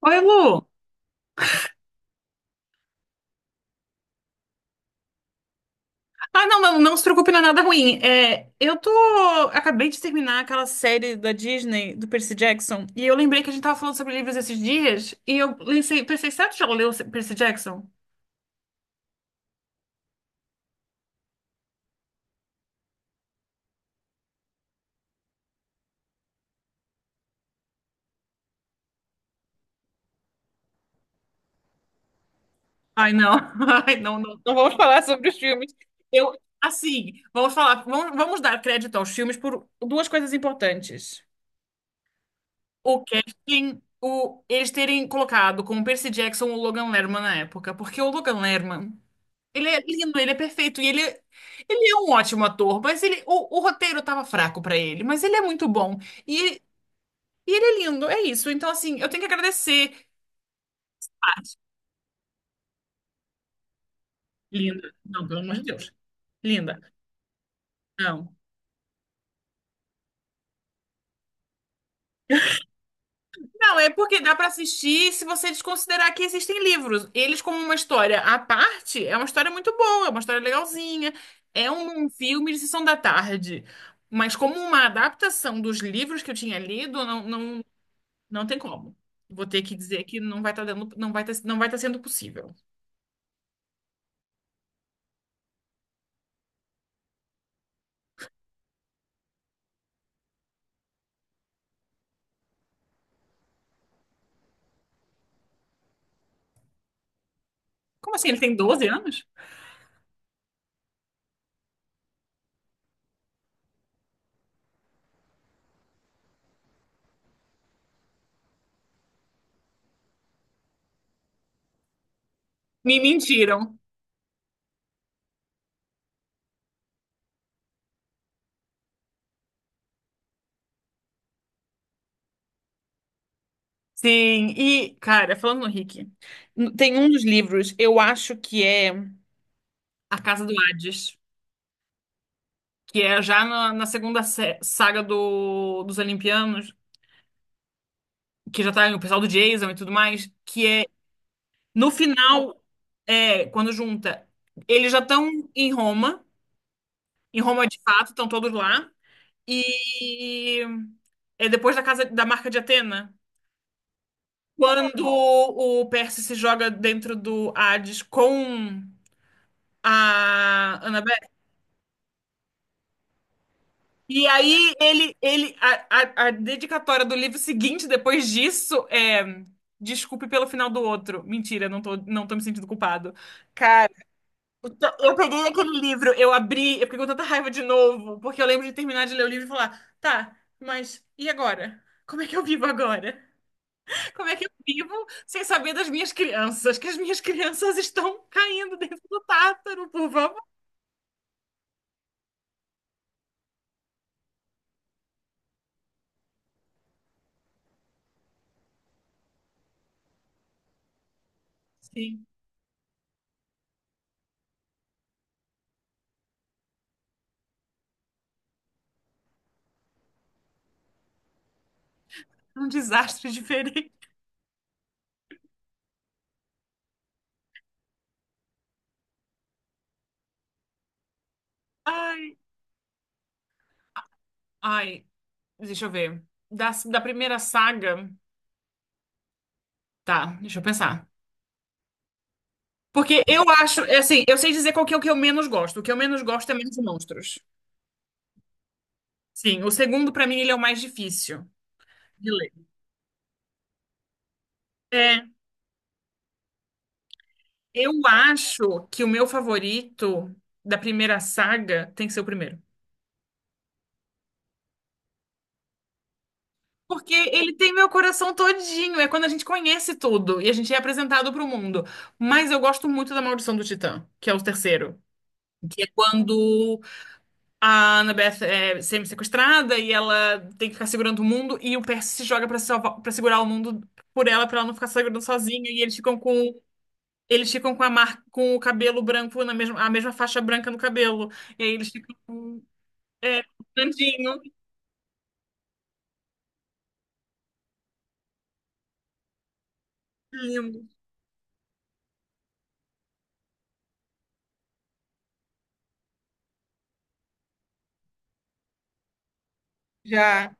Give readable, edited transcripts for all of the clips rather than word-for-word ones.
Oi, Lu. Ah, não, não, não se preocupe, não é nada ruim. É, eu tô. Acabei de terminar aquela série da Disney, do Percy Jackson, e eu lembrei que a gente tava falando sobre livros esses dias, e eu pensei, pensei, será que tu já leu Percy Jackson? Ai, não. Ai, não, não, não vamos falar sobre os filmes. Eu, assim, vamos falar, vamos dar crédito aos filmes por duas coisas importantes. O casting, eles terem colocado como Percy Jackson o Logan Lerman na época, porque o Logan Lerman. Ele é lindo, ele é perfeito. Ele é um ótimo ator, mas ele, o roteiro tava fraco pra ele, mas ele é muito bom. E, e ele é lindo, é isso. Então, assim, eu tenho que agradecer. Linda. Não, pelo amor de Deus. Linda. Não. Não, é porque dá pra assistir se você desconsiderar que existem livros. Eles, como uma história à parte, é uma história muito boa, é uma história legalzinha. É um filme de sessão da tarde. Mas como uma adaptação dos livros que eu tinha lido, não, não. Não tem como. Vou ter que dizer que não vai estar dando, não vai tá, não vai tá sendo possível. Como assim? Ele tem doze anos? Me mentiram. Sim, e, cara, falando no Rick, tem um dos livros, eu acho que é A Casa do Hades, que é já na segunda saga dos Olimpianos, que já tá o pessoal do Jason e tudo mais, que é, no final, é, quando junta, eles já estão em Roma, em Roma de fato, estão todos lá. E é depois da casa da marca de Atena, quando o Perse se joga dentro do Hades com a Annabeth. E aí ele a dedicatória do livro seguinte depois disso é: Desculpe pelo final do outro. Mentira, não tô me sentindo culpado. Cara, então, eu peguei aquele livro, eu abri, eu fiquei com tanta raiva de novo, porque eu lembro de terminar de ler o livro e falar, tá, mas e agora? Como é que eu vivo agora? Como é que eu vivo sem saber das minhas crianças? Que as minhas crianças estão caindo dentro do tártaro, por favor. Sim, um desastre diferente. Ai, ai, deixa eu ver. Da primeira saga. Tá, deixa eu pensar. Porque eu acho, é assim, eu sei dizer qual que é o que eu menos gosto. O que eu menos gosto é Menos Monstros. Sim, o segundo, pra mim, ele é o mais difícil de ler. É, eu acho que o meu favorito da primeira saga tem que ser o primeiro. Porque ele tem meu coração todinho. É quando a gente conhece tudo e a gente é apresentado para o mundo. Mas eu gosto muito da Maldição do Titã, que é o terceiro. Que é quando a Annabeth é semi-sequestrada e ela tem que ficar segurando o mundo e o Percy se joga para salvar, para segurar o mundo por ela, para ela não ficar segurando sozinha. E eles ficam com a marca, com o cabelo branco a mesma faixa branca no cabelo. E aí eles ficam com, é, grandinho, lindo. Já.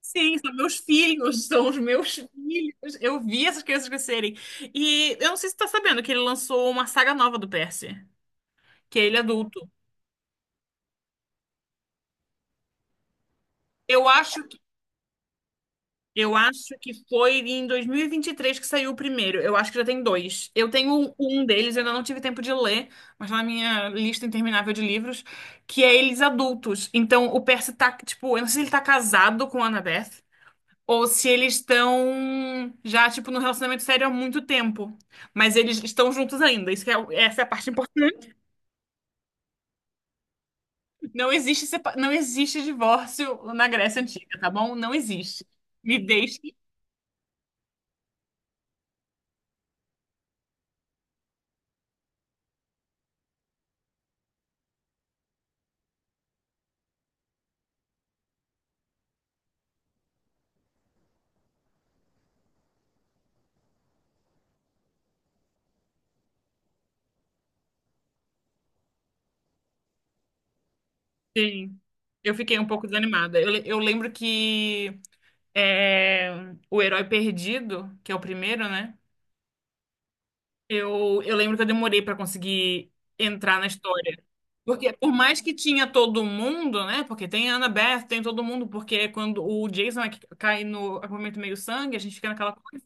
Sim, são meus filhos, são os meus filhos. Eu vi essas crianças crescerem. E eu não sei se você tá sabendo que ele lançou uma saga nova do Percy, que é ele adulto. Eu acho que, eu acho que foi em 2023 que saiu o primeiro. Eu acho que já tem dois. Eu tenho um deles, eu ainda não tive tempo de ler, mas tá na minha lista interminável de livros, que é eles adultos. Então o Percy tá, tipo, eu não sei se ele tá casado com a Annabeth. Ou se eles estão já, tipo, num relacionamento sério há muito tempo. Mas eles estão juntos ainda. Isso que é, essa é a parte importante. Não existe divórcio na Grécia Antiga, tá bom? Não existe. Me deixe. Sim. Eu fiquei um pouco desanimada. Eu lembro que é, o Herói Perdido, que é o primeiro, né? Eu lembro que eu demorei pra conseguir entrar na história. Porque por mais que tinha todo mundo, né? Porque tem a Annabeth, tem todo mundo, porque quando o Jason é que cai no acampamento meio-sangue, a gente fica naquela coisa,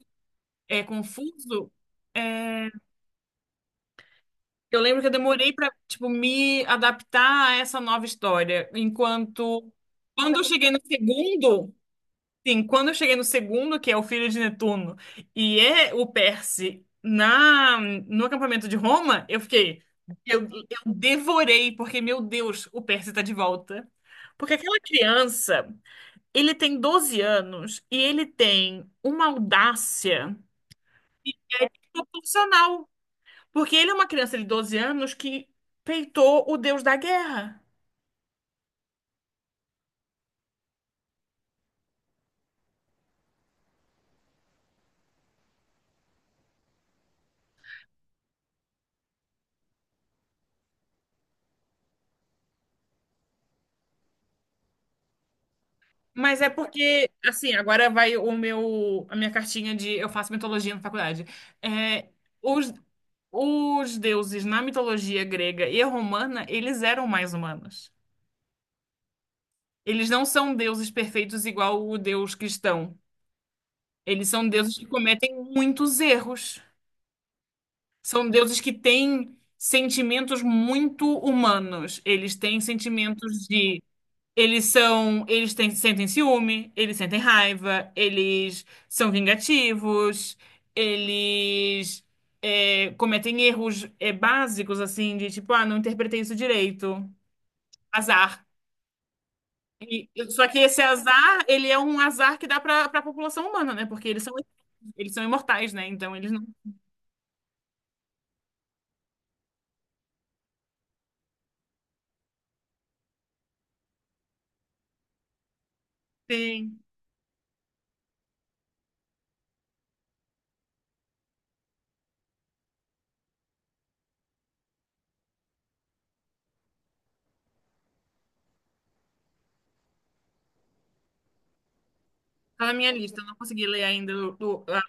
é confuso. É, eu lembro que eu demorei pra, tipo, me adaptar a essa nova história. Enquanto quando eu cheguei no segundo, sim, quando eu cheguei no segundo, que é o filho de Netuno, e é o Perse no acampamento de Roma, eu fiquei. Eu devorei, porque, meu Deus, o Perse tá de volta. Porque aquela criança, ele tem 12 anos e ele tem uma audácia proporcional. Porque ele é uma criança de 12 anos que peitou o deus da guerra. Mas é porque, assim, agora vai a minha cartinha de eu faço mitologia na faculdade. É, os, os deuses na mitologia grega e romana, eles eram mais humanos. Eles não são deuses perfeitos igual o deus cristão. Eles são deuses que cometem muitos erros. São deuses que têm sentimentos muito humanos. Eles têm sentimentos de. Eles são, eles têm- sentem ciúme, eles sentem raiva, eles são vingativos, eles é, cometem erros é, básicos, assim, de tipo, ah, não interpretei isso direito, azar. Só que esse azar, ele é um azar que dá para a população humana, né? Porque eles são imortais, né? Então eles não têm. Tá na minha lista, eu não consegui ler ainda.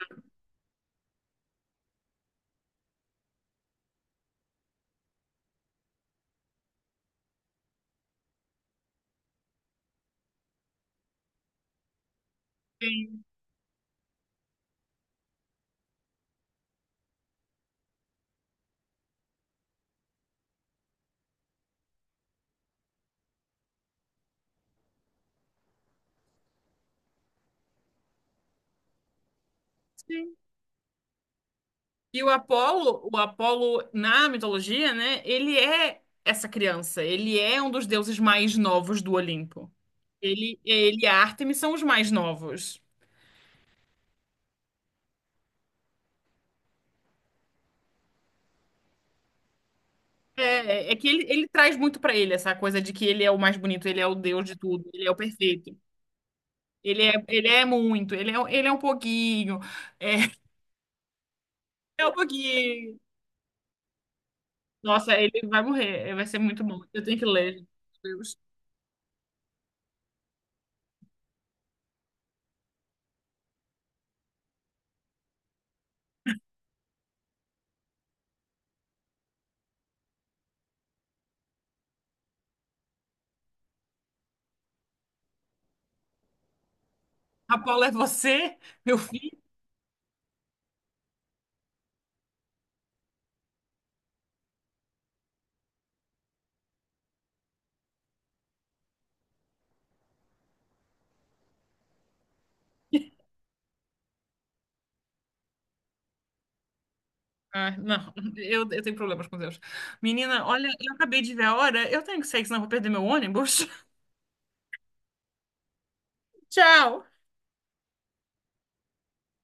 Sim. E o Apolo na mitologia, né? Ele é essa criança. Ele é um dos deuses mais novos do Olimpo. Ele e a Ártemis são os mais novos. É, é que ele traz muito pra ele essa coisa de que ele é o mais bonito, ele é o deus de tudo, ele é o perfeito. Ele é muito, ele é um pouquinho. É, é um pouquinho. Nossa, ele vai morrer, vai ser muito bom. Eu tenho que ler. Meu Deus. Apolo é você, meu filho? Ah, não, eu tenho problemas com Deus. Menina, olha, eu acabei de ver a hora. Eu tenho que sair, senão eu vou perder meu ônibus. Tchau!